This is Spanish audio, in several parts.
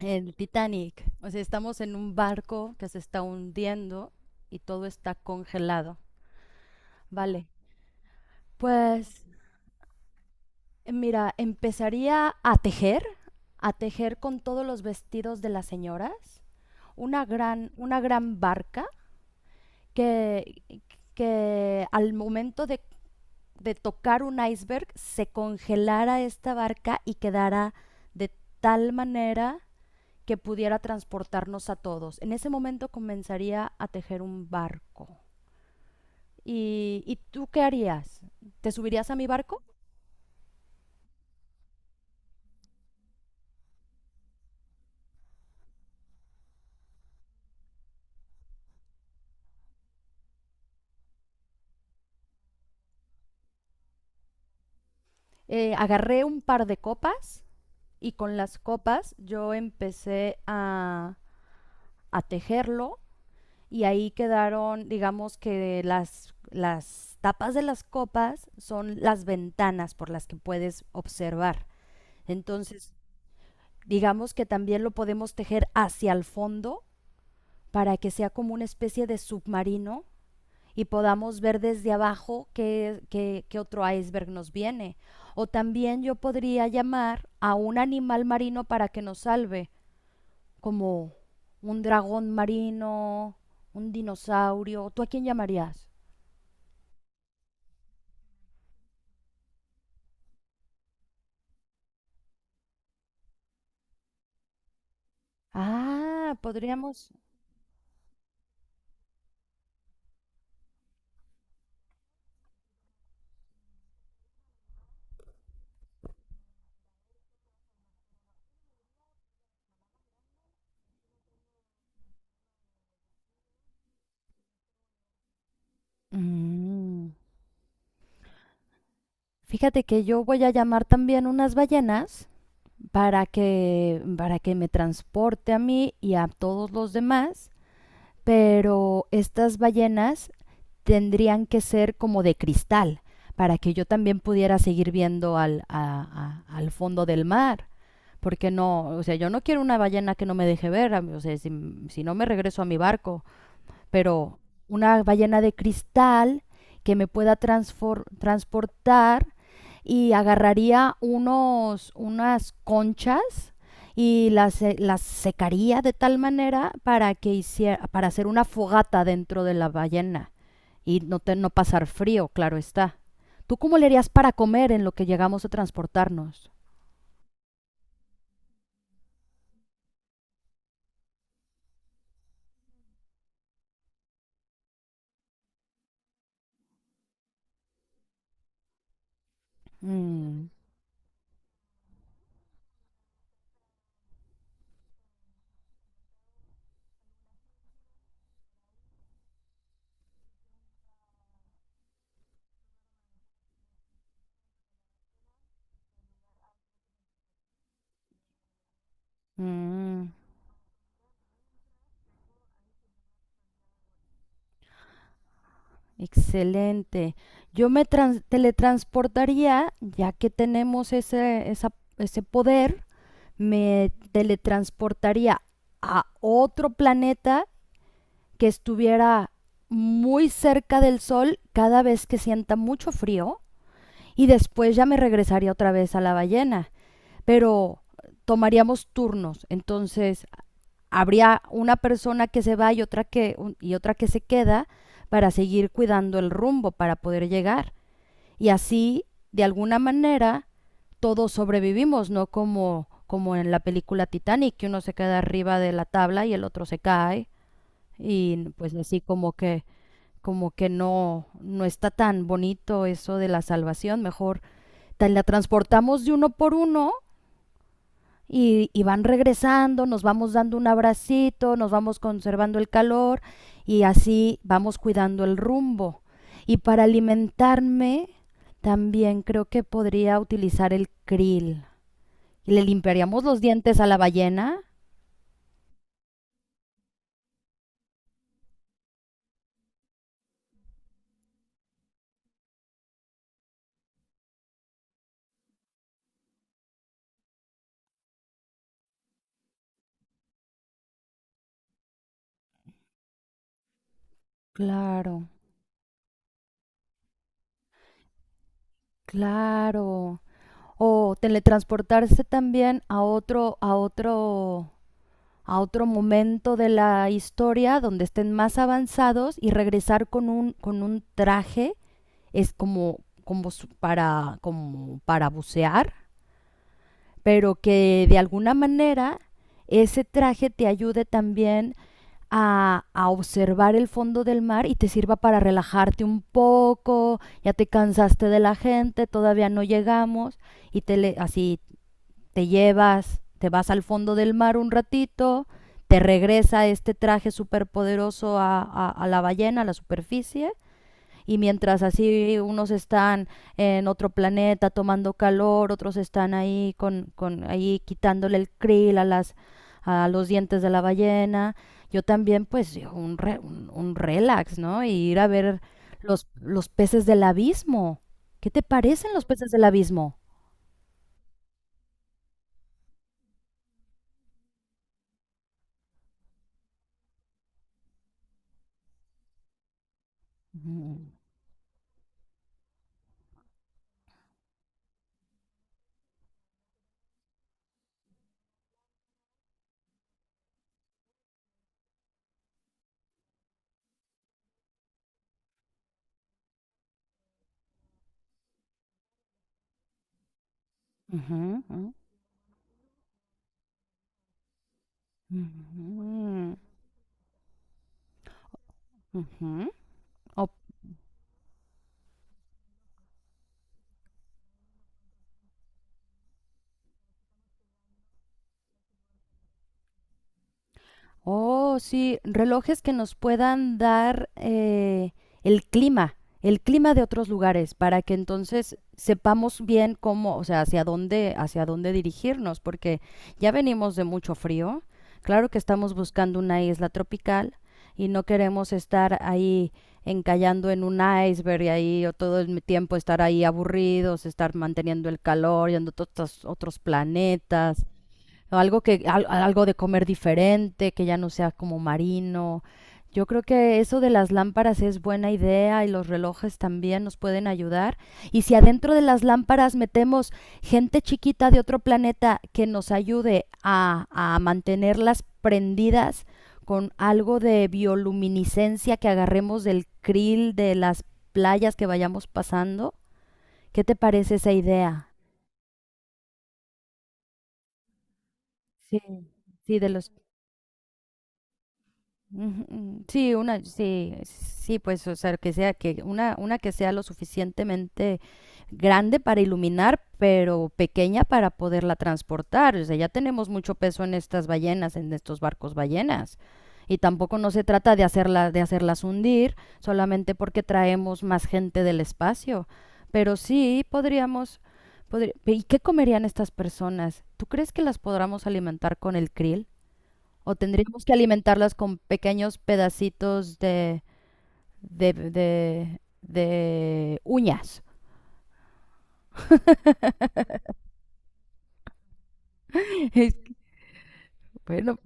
El Titanic. O sea, estamos en un barco que se está hundiendo y todo está congelado. Vale. Pues mira, empezaría a tejer con todos los vestidos de las señoras, una gran barca que, que al momento de tocar un iceberg se congelara esta barca y quedara de tal manera que pudiera transportarnos a todos. En ese momento comenzaría a tejer un barco. ¿Y tú qué harías? ¿Te subirías a mi barco? Agarré un par de copas y con las copas yo empecé a tejerlo y ahí quedaron, digamos que las tapas de las copas son las ventanas por las que puedes observar. Entonces, digamos que también lo podemos tejer hacia el fondo para que sea como una especie de submarino y podamos ver desde abajo qué otro iceberg nos viene. O también yo podría llamar a un animal marino para que nos salve, como un dragón marino, un dinosaurio. ¿Tú a quién llamarías? Ah, podríamos... Mm. Fíjate que yo voy a llamar también unas ballenas para que me transporte a mí y a todos los demás, pero estas ballenas tendrían que ser como de cristal para que yo también pudiera seguir viendo al fondo del mar. Porque no, o sea, yo no quiero una ballena que no me deje ver, o sea, si no me regreso a mi barco, pero una ballena de cristal que me pueda transportar, y agarraría unas conchas y las secaría de tal manera para que hiciera, para hacer una fogata dentro de la ballena y no pasar frío, claro está. ¿Tú cómo le harías para comer en lo que llegamos a transportarnos? Mm, mm. Excelente. Yo me teletransportaría, ya que tenemos ese poder, me teletransportaría a otro planeta que estuviera muy cerca del Sol cada vez que sienta mucho frío y después ya me regresaría otra vez a la ballena. Pero tomaríamos turnos, entonces habría una persona que se va y y otra que se queda para seguir cuidando el rumbo, para poder llegar. Y así, de alguna manera, todos sobrevivimos, no como, como en la película Titanic, que uno se queda arriba de la tabla y el otro se cae. Y pues así como que no, no está tan bonito eso de la salvación, mejor te la transportamos de uno por uno y van regresando, nos vamos dando un abracito, nos vamos conservando el calor y así vamos cuidando el rumbo. Y para alimentarme, también creo que podría utilizar el krill. ¿Y le limpiaríamos los dientes a la ballena? Claro, claro. O teletransportarse también a otro momento de la historia donde estén más avanzados y regresar con un traje, es como, como para bucear, pero que de alguna manera ese traje te ayude también a observar el fondo del mar y te sirva para relajarte un poco, ya te cansaste de la gente, todavía no llegamos, y así te llevas, te vas al fondo del mar un ratito, te regresa este traje superpoderoso a la ballena, a la superficie, y mientras así unos están en otro planeta tomando calor, otros están ahí con ahí quitándole el krill a las a los dientes de la ballena. Yo también pues un relax, ¿no? Y ir a ver los peces del abismo. ¿Qué te parecen los peces del abismo? Ujú, ujú, ujú, ujú. Ujú. Oh, sí, relojes que nos puedan dar el clima de otros lugares, para que entonces sepamos bien cómo, o sea, hacia dónde dirigirnos, porque ya venimos de mucho frío. Claro que estamos buscando una isla tropical y no queremos estar ahí encallando en un iceberg y ahí o todo el tiempo estar ahí aburridos, estar manteniendo el calor, yendo a todos estos otros planetas o algo algo de comer diferente, que ya no sea como marino. Yo creo que eso de las lámparas es buena idea y los relojes también nos pueden ayudar. Y si adentro de las lámparas metemos gente chiquita de otro planeta que nos ayude a mantenerlas prendidas con algo de bioluminiscencia que agarremos del krill de las playas que vayamos pasando, ¿qué te parece esa idea? Sí, sí, de los Ujú, sí, una, sí, sí, pues, o sea, que una que sea lo suficientemente grande para iluminar, pero pequeña para poderla transportar. O sea, ya tenemos mucho peso en estas ballenas, en estos barcos ballenas. Y tampoco no se trata de hacerla, de hacerlas hundir, solamente porque traemos más gente del espacio. Pero sí podríamos, ¿y qué comerían estas personas? ¿Tú crees que las podamos alimentar con el krill? O tendríamos que alimentarlas con pequeños pedacitos de uñas. Es que, bueno,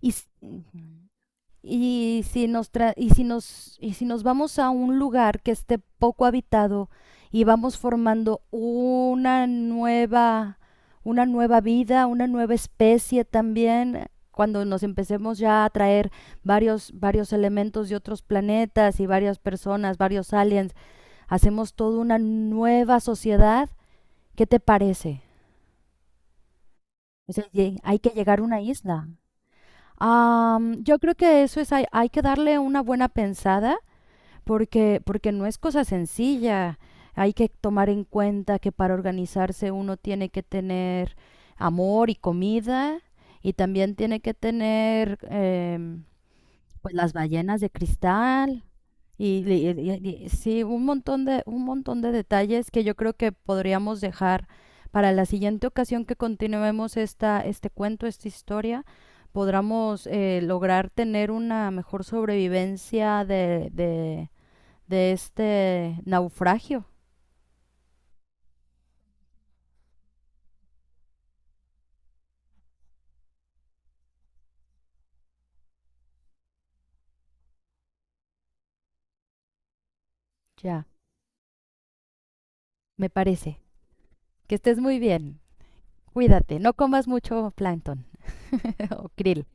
y, s- y si nos tra- y si nos vamos a un lugar que esté poco habitado y vamos formando una nueva vida, una nueva especie también cuando nos empecemos ya a traer varios varios elementos de otros planetas y varias personas, varios aliens, hacemos toda una nueva sociedad. ¿Qué te parece? O sea, hay que llegar a una isla. Um, yo creo que eso es, hay que darle una buena pensada porque, porque no es cosa sencilla. Hay que tomar en cuenta que para organizarse uno tiene que tener amor y comida y también tiene que tener pues las ballenas de cristal. Sí, un montón de detalles que yo creo que podríamos dejar para la siguiente ocasión que continuemos esta, este cuento, esta historia, podamos lograr tener una mejor sobrevivencia de este naufragio. Ya, me parece. Que estés muy bien. Cuídate, no comas mucho plancton o krill.